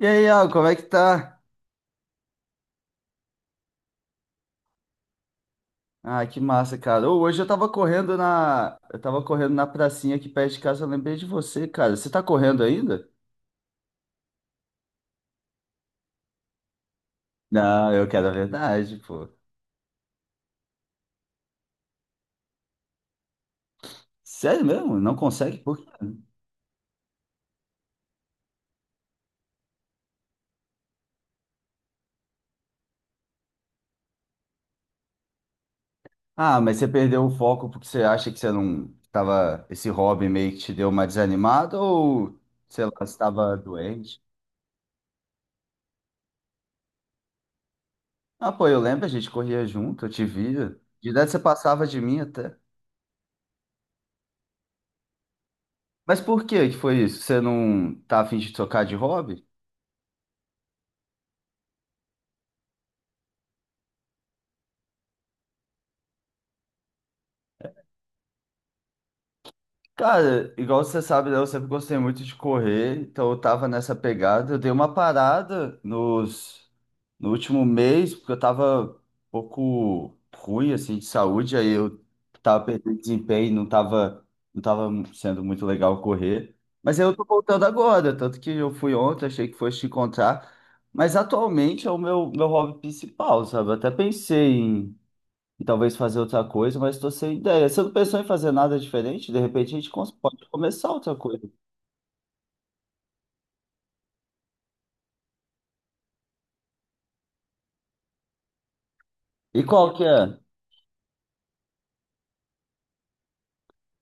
E aí, Al, como é que tá? Ah, que massa, cara. Ô, hoje eu tava correndo na. Eu tava correndo na pracinha aqui perto de casa, eu lembrei de você, cara. Você tá correndo ainda? Não, eu quero a verdade, pô. Sério mesmo? Não consegue? Por quê? Ah, mas você perdeu o foco porque você acha que você não tava. Esse hobby meio que te deu uma desanimada ou, sei lá, você tava doente? Ah, pô, eu lembro, a gente corria junto, eu te via. De idade você passava de mim até. Mas por que que foi isso? Você não tá afim de trocar de hobby? Cara, igual você sabe, né, eu sempre gostei muito de correr, então eu tava nessa pegada. Eu dei uma parada no último mês, porque eu tava um pouco ruim, assim, de saúde, aí eu tava perdendo desempenho, não tava sendo muito legal correr. Mas aí eu tô voltando agora, tanto que eu fui ontem, achei que fosse te encontrar. Mas atualmente é o meu hobby principal, sabe? Eu até pensei e talvez fazer outra coisa, mas estou sem ideia. Você não pensou em fazer nada diferente? De repente a gente pode começar outra coisa. E qual que é?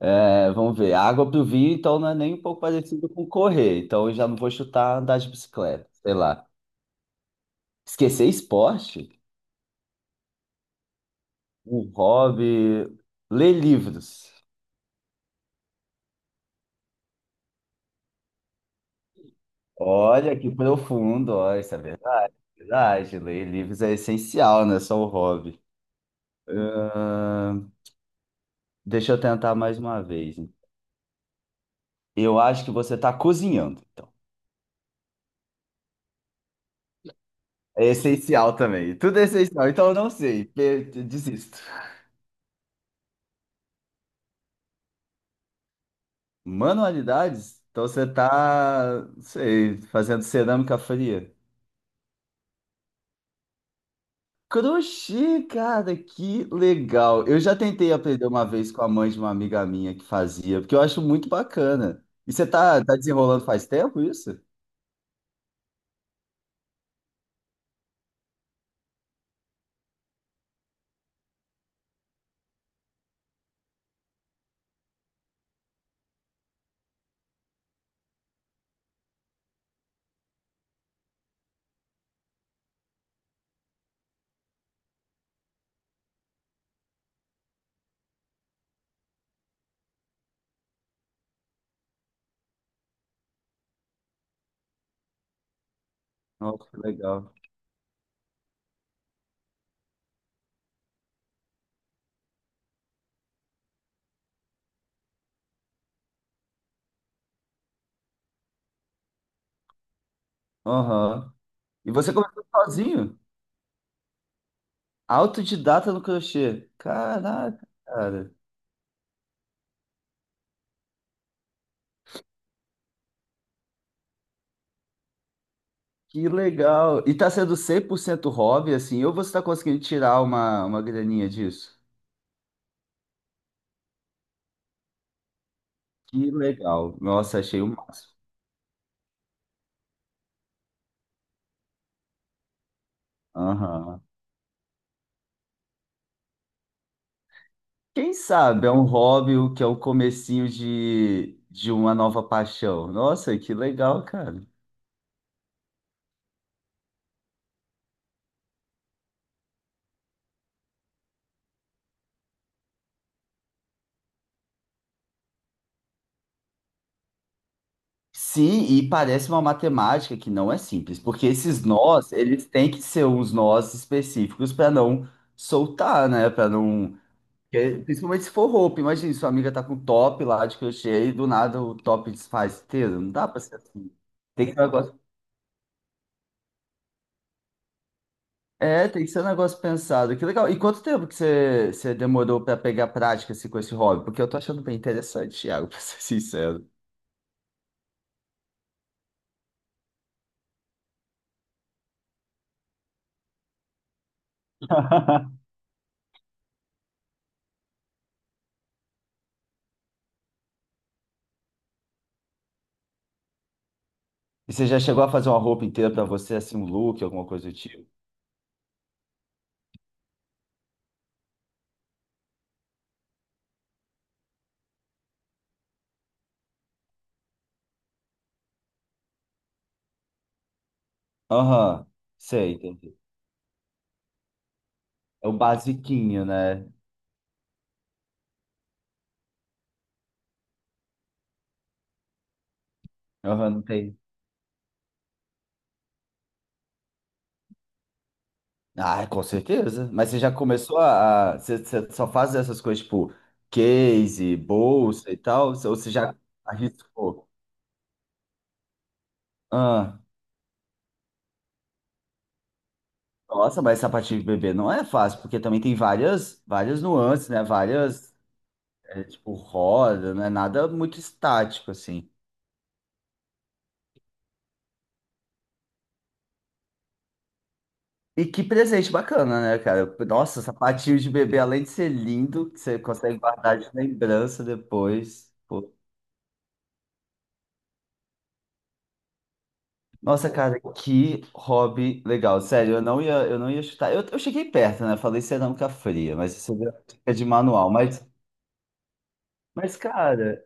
É, vamos ver. A água pro vinho, então não é nem um pouco parecido com correr. Então eu já não vou chutar andar de bicicleta, sei lá. Esquecer esporte? Um hobby. Ler livros. Olha que profundo, olha, isso é verdade. Verdade, ler livros é essencial, não é só um hobby. Ahn, Deixa eu tentar mais uma vez. Eu acho que você está cozinhando. Então. É essencial também. Tudo é essencial. Então eu não sei. Desisto. Manualidades? Então você tá, não sei, fazendo cerâmica fria. Crochê, cara, que legal. Eu já tentei aprender uma vez com a mãe de uma amiga minha que fazia, porque eu acho muito bacana. E tá desenrolando faz tempo isso? Nossa, que legal. Aham. E você começou sozinho? Autodidata no crochê. Caraca, cara. Que legal. E tá sendo 100% hobby, assim, ou você tá conseguindo tirar uma graninha disso? Que legal. Nossa, achei o máximo. Aham. Quem sabe é um hobby o que é o comecinho de uma nova paixão. Nossa, que legal, cara. Sim, e parece uma matemática que não é simples, porque esses nós, eles têm que ser uns nós específicos para não soltar, né? Para não. Porque, principalmente se for roupa, imagina, sua amiga tá com top lá de crochê e do nada o top desfaz inteiro. Não dá pra ser assim. Tem que ser um negócio. É, tem que ser um negócio pensado. Que legal. E quanto tempo que você demorou pra pegar prática assim, com esse hobby? Porque eu tô achando bem interessante, Thiago, pra ser sincero. E você já chegou a fazer uma roupa inteira pra você, assim, um look, alguma coisa do tipo? Aham, sei, entendi. É o basiquinho, né? Aham, não tem. Ah, com certeza. Mas você já começou a. Você só faz essas coisas tipo case, bolsa e tal? Ou você já arriscou? Ah, nossa, mas sapatilha de bebê não é fácil, porque também tem várias nuances, né? Várias, é, tipo, roda, não é nada muito estático, assim. E que presente bacana, né, cara? Nossa, sapatinho de bebê, além de ser lindo, você consegue guardar de lembrança depois. Nossa, cara, que hobby legal. Sério, eu não ia chutar. Eu cheguei perto, né? Falei cerâmica fria, mas isso é de manual. Mas, cara,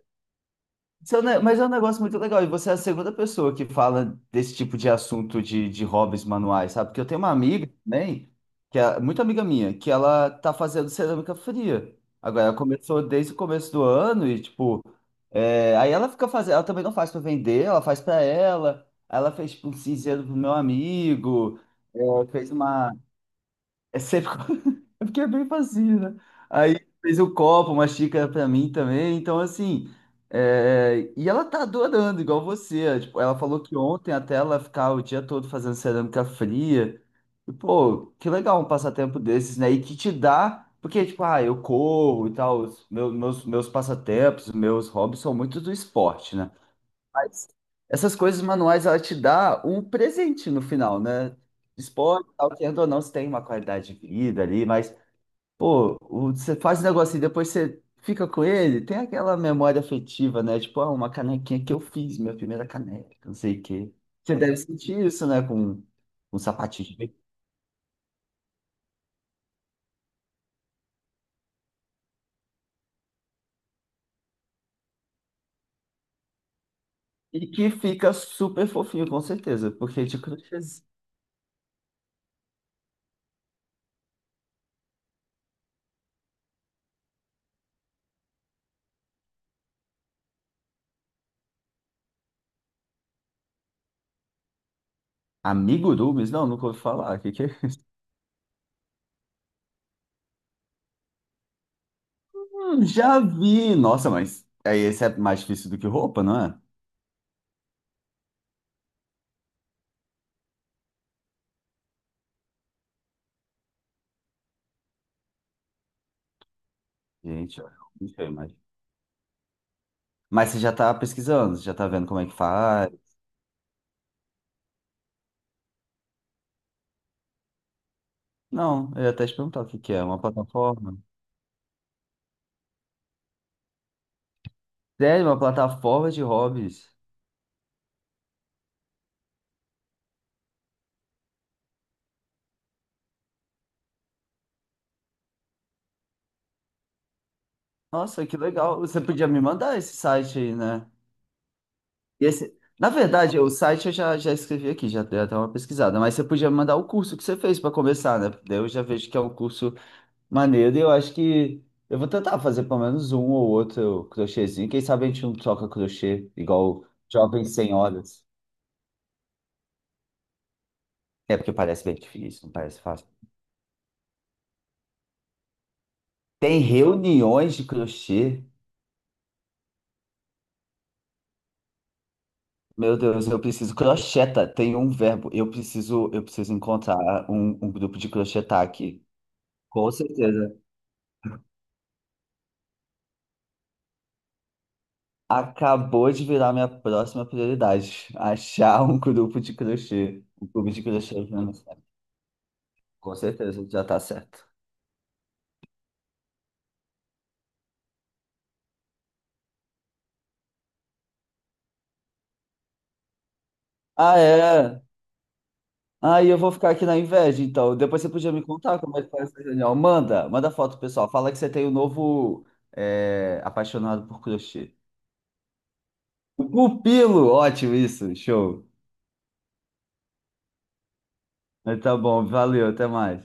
isso é um Mas é um negócio muito legal, e você é a segunda pessoa que fala desse tipo de assunto de hobbies manuais, sabe? Porque eu tenho uma amiga também, que é muito amiga minha, que ela tá fazendo cerâmica fria. Agora, ela começou desde o começo do ano e, tipo, é, aí ela fica fazendo, ela também não faz para vender, ela faz para ela. Aí ela fez, tipo, um cinzeiro pro meu amigo, é, fez uma, é sempre. É porque é bem facinho, né? Aí fez o copo, uma xícara pra mim também. Então, assim. É, e ela tá adorando, igual você. É, tipo, ela falou que ontem até ela ficar o dia todo fazendo cerâmica fria. E, pô, que legal um passatempo desses, né? E que te dá. Porque, tipo, ah, eu corro e tal. Os meus passatempos, meus hobbies são muito do esporte, né? Mas essas coisas manuais, ela te dá um presente no final, né? Esporte, tal, querendo ou não, você tem uma qualidade de vida ali, mas, pô, você faz um negocinho e depois você fica com ele, tem aquela memória afetiva, né? Tipo, ah, uma canequinha que eu fiz, minha primeira caneca, não sei o quê. Você deve sentir isso, né? Com um sapatinho. De bebê. E que fica super fofinho, com certeza, porque de crochês. Amigurumis? Não, nunca ouvi falar. Que... é? Já vi! Nossa, mas aí esse é mais difícil do que roupa, não é? Gente, eu não sei, mas... Mas você já tá pesquisando, você já tá vendo como é que faz? Não, eu ia até te perguntar o que que é, uma plataforma. Sério, uma plataforma de hobbies. Nossa, que legal. Você podia me mandar esse site aí, né? E esse... Na verdade, o site eu já escrevi aqui, já dei até uma pesquisada, mas você podia me mandar o curso que você fez para começar, né? Daí eu já vejo que é um curso maneiro e eu acho que eu vou tentar fazer pelo menos um ou outro crochêzinho. Quem sabe a gente não troca crochê igual jovens senhoras. É porque parece bem difícil, não parece fácil. Tem reuniões de crochê. Meu Deus, eu preciso. Crocheta, tem um verbo. Eu preciso encontrar um grupo de crochetar aqui. Com certeza. Acabou de virar minha próxima prioridade. Achar um grupo de crochê. Um clube de crochê. Aqui na minha cidade. Com certeza, já tá certo. Ah, é. Aí eu vou ficar aqui na inveja, então. Depois você podia me contar como é que foi essa reunião. Manda, manda foto, pessoal. Fala que você tem o um novo é, apaixonado por crochê. O pupilo! Ótimo isso, show. Mas tá bom, valeu, até mais.